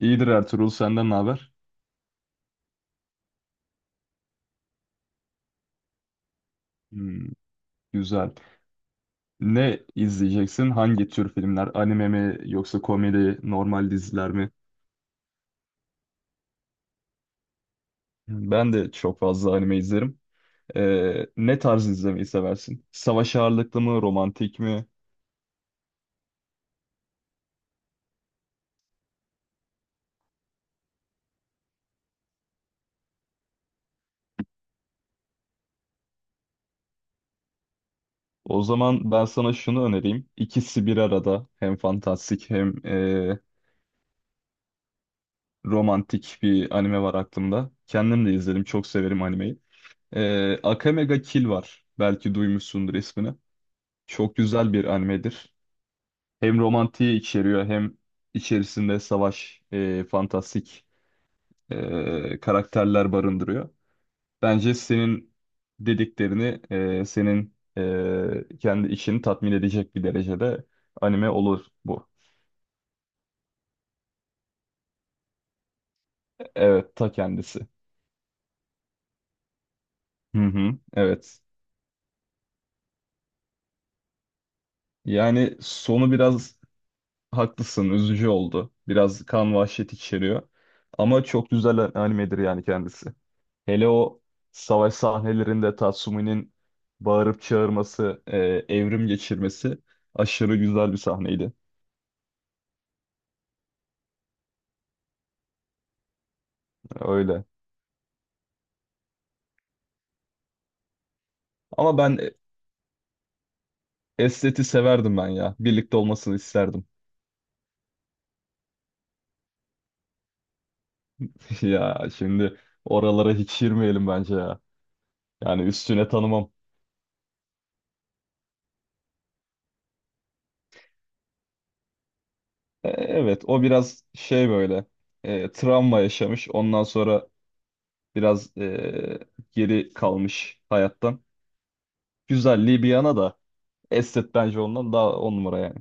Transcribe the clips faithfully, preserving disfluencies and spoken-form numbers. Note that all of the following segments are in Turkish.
İyidir Ertuğrul, senden ne haber? Hmm, güzel. Ne izleyeceksin? Hangi tür filmler? Anime mi yoksa komedi, normal diziler mi? Ben de çok fazla anime izlerim. Ee, ne tarz izlemeyi seversin? Savaş ağırlıklı mı, romantik mi? O zaman ben sana şunu önereyim. İkisi bir arada. Hem fantastik hem e, romantik bir anime var aklımda. Kendim de izledim, çok severim animeyi. Ee, Akame ga Kill var. Belki duymuşsundur ismini. Çok güzel bir animedir. Hem romantiği içeriyor hem içerisinde savaş, e, fantastik e, karakterler barındırıyor. Bence senin dediklerini, e, senin e, kendi içini tatmin edecek bir derecede anime olur bu. Evet, ta kendisi. Hı hı, evet. Yani sonu biraz haklısın, üzücü oldu. Biraz kan vahşet içeriyor. Ama çok güzel animedir yani kendisi. Hele o savaş sahnelerinde Tatsumi'nin bağırıp çağırması, e, evrim geçirmesi aşırı güzel bir sahneydi. Öyle. Ama ben esteti severdim ben ya. Birlikte olmasını isterdim. Ya şimdi oralara hiç girmeyelim bence ya. Yani üstüne tanımam. E, evet, o biraz şey böyle e, travma yaşamış. Ondan sonra biraz e, geri kalmış hayattan. Güzelliği bir yana da estet bence ondan daha on numara yani.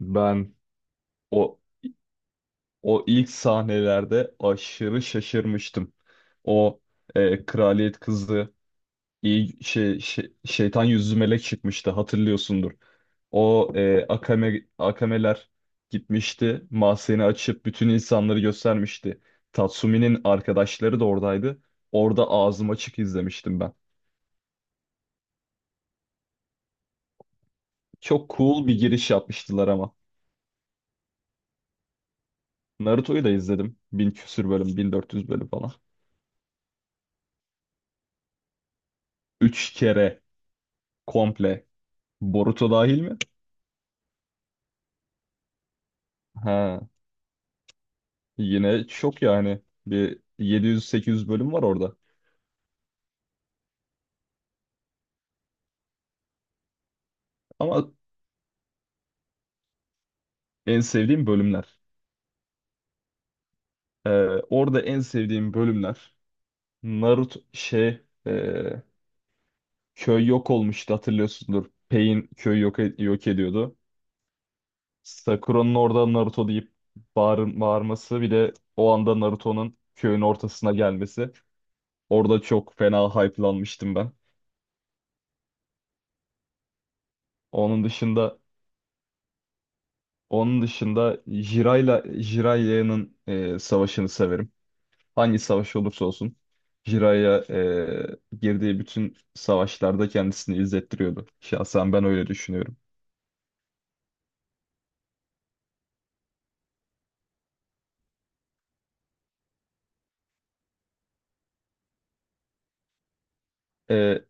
Ben o O ilk sahnelerde aşırı şaşırmıştım. O e, kraliyet kızı iyi şey, şey- şeytan yüzlü melek çıkmıştı, hatırlıyorsundur. O e, akame akameler gitmişti. Mahzeni açıp bütün insanları göstermişti. Tatsumi'nin arkadaşları da oradaydı. Orada ağzım açık izlemiştim ben. Çok cool bir giriş yapmıştılar ama. Naruto'yu da izledim. Bin küsür bölüm, bin dört yüz bölüm falan. Üç kere komple. Boruto dahil mi? Ha. Yine çok yani. Bir yedi yüz sekiz yüz bölüm var orada. Ama en sevdiğim bölümler. Ee, orada en sevdiğim bölümler Naruto şey e, köy yok olmuştu, hatırlıyorsundur. Pain köyü yok, e, yok ediyordu. Sakura'nın orada Naruto deyip bağır, bağırması, bir de o anda Naruto'nun köyün ortasına gelmesi. Orada çok fena hype'lanmıştım ben. Onun dışında onun dışında Jiraiya Jiraiya'nın e, savaşını severim. Hangi savaş olursa olsun Jiraiya e, girdiği bütün savaşlarda kendisini izlettiriyordu. Şahsen ben öyle düşünüyorum. E,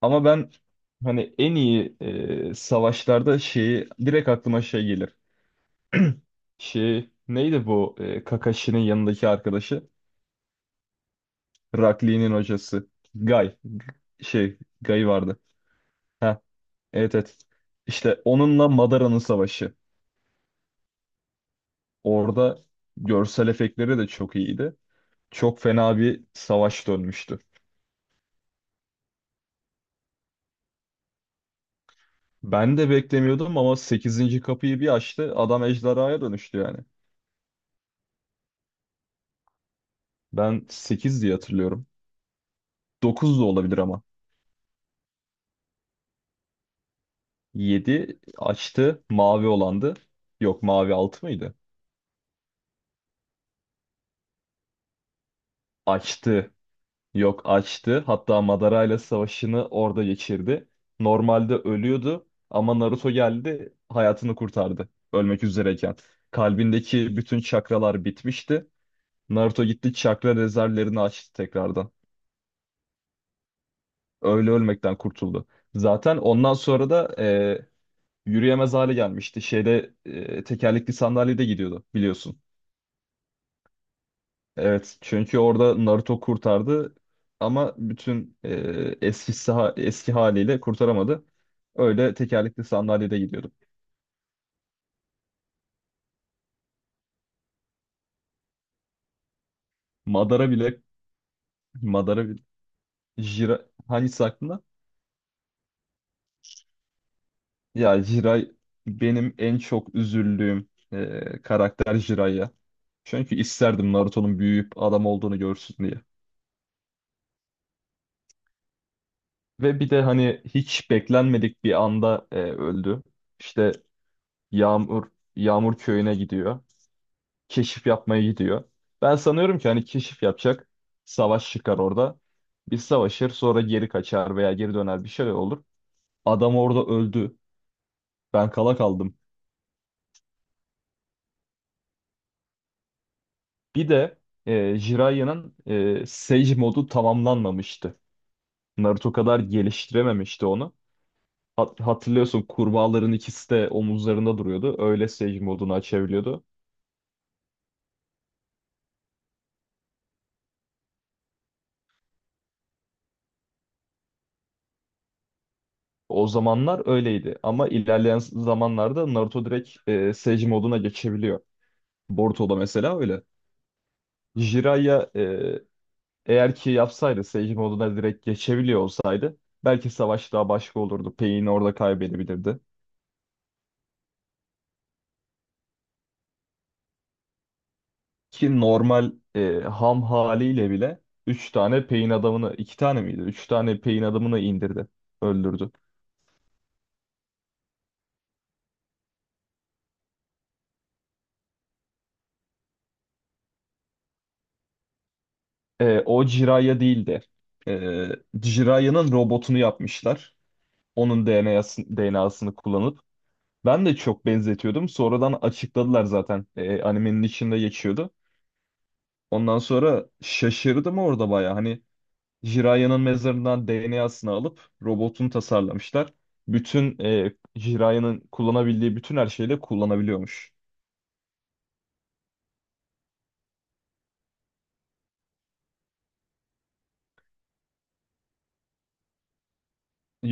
ama ben hani en iyi e, savaşlarda şeyi direkt aklıma şey gelir. Şey neydi bu e, Kakashi'nin yanındaki arkadaşı? Rakli'nin hocası. Guy. G- Şey Guy vardı. Ha, evet, evet. İşte onunla Madara'nın savaşı. Orada görsel efektleri de çok iyiydi. Çok fena bir savaş dönmüştü. Ben de beklemiyordum ama sekizinci kapıyı bir açtı, adam ejderhaya dönüştü yani. Ben sekiz diye hatırlıyorum. dokuz da olabilir ama. Yedi açtı, mavi olandı. Yok, mavi altı mıydı? Açtı. Yok, açtı. Hatta Madara ile savaşını orada geçirdi. Normalde ölüyordu ama Naruto geldi, hayatını kurtardı. Ölmek üzereyken. Kalbindeki bütün çakralar bitmişti. Naruto gitti, çakra rezervlerini açtı tekrardan. Öyle ölmekten kurtuldu. Zaten ondan sonra da e, yürüyemez hale gelmişti. Şeyde e, tekerlekli sandalyede gidiyordu biliyorsun. Evet, çünkü orada Naruto kurtardı ama bütün e, eski saha- eski haliyle kurtaramadı. Öyle tekerlekli sandalyede gidiyordu. Madara bile Madara bile Jira hangisi aklında? Ya Jirai benim en çok üzüldüğüm e, karakter Jiraiya. Çünkü isterdim Naruto'nun büyüyüp adam olduğunu görsün diye. Ve bir de hani hiç beklenmedik bir anda e, öldü. İşte Yağmur Yağmur köyüne gidiyor. Keşif yapmaya gidiyor. Ben sanıyorum ki hani keşif yapacak. Savaş çıkar orada. Bir savaşır, sonra geri kaçar veya geri döner, bir şey olur. Adam orada öldü. Ben kala kaldım. Bir de e, Jiraiya'nın e, Sage modu tamamlanmamıştı. Naruto kadar geliştirememişti onu. Hat- hatırlıyorsun, kurbağaların ikisi de omuzlarında duruyordu. Öyle Sage modunu açabiliyordu. O zamanlar öyleydi ama ilerleyen zamanlarda Naruto direkt e, Sage moduna geçebiliyor. Boruto'da mesela öyle. Jiraiya e, eğer ki yapsaydı, Sage moduna direkt geçebiliyor olsaydı belki savaş daha başka olurdu. Pain orada kaybedebilirdi. Ki normal e, ham haliyle bile üç tane Pain adamını, iki tane miydi? Üç tane Pain adamını indirdi. Öldürdü. E, o Jiraiya değildi. E, Jiraiya'nın robotunu yapmışlar. Onun D N A'sını, D N A'sını kullanıp. Ben de çok benzetiyordum. Sonradan açıkladılar zaten. E, animenin içinde geçiyordu. Ondan sonra şaşırdım orada baya. Hani Jiraiyan'ın mezarından D N A'sını alıp robotunu tasarlamışlar. Bütün e, Jiraiyan'ın kullanabildiği bütün her şeyle kullanabiliyormuş.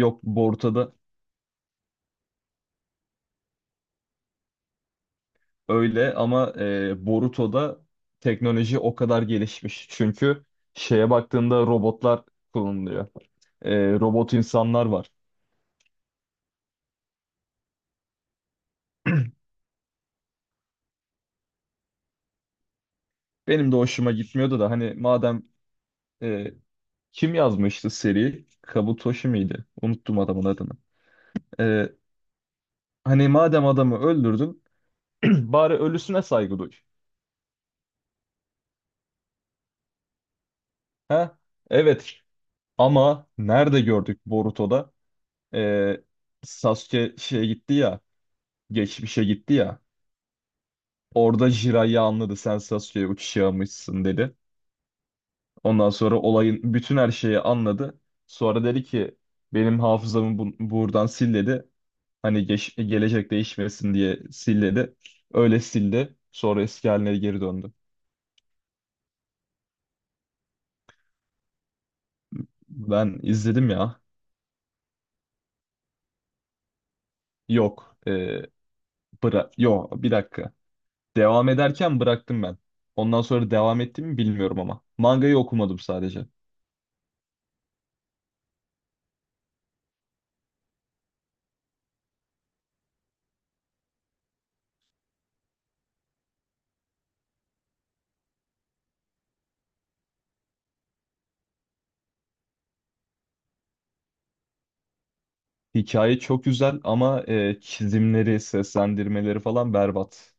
Yok, Boruto'da öyle ama e, Boruto'da teknoloji o kadar gelişmiş. Çünkü şeye baktığında robotlar kullanılıyor. E, robot insanlar var. Benim de hoşuma gitmiyordu da hani madem e, kim yazmıştı seri? Kabutoshi miydi? Unuttum adamın adını. Ee, hani madem adamı öldürdün, bari ölüsüne saygı duy. Ha? Evet. Ama nerede gördük Boruto'da? Ee, Sasuke şeye gitti ya, geçmişe gitti ya. Orada Jiraiya anladı, sen Sasuke'ye uçuş almışsın dedi. Ondan sonra olayın bütün her şeyi anladı. Sonra dedi ki, benim hafızamı bu- buradan sil dedi. Hani geç, gelecek değişmesin diye silledi. Öyle sildi. Sonra eski haline geri döndü. Ben izledim ya. Yok. E, bıra Yok, bir dakika. Devam ederken bıraktım ben. Ondan sonra devam ettim mi bilmiyorum ama. Mangayı okumadım sadece. Hikaye çok güzel ama e, çizimleri, seslendirmeleri falan berbat.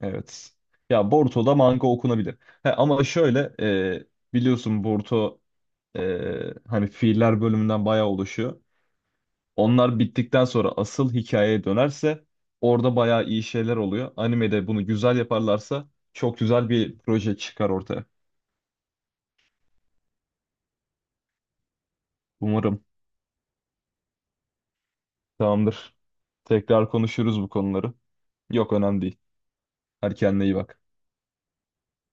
Evet. Ya Boruto'da manga okunabilir. He, ama şöyle e, biliyorsun Boruto e, hani fiiller bölümünden bayağı oluşuyor. Onlar bittikten sonra asıl hikayeye dönerse orada bayağı iyi şeyler oluyor. Animede bunu güzel yaparlarsa çok güzel bir proje çıkar ortaya. Umarım. Tamamdır. Tekrar konuşuruz bu konuları. Yok, önemli değil. Hadi kendine iyi bak.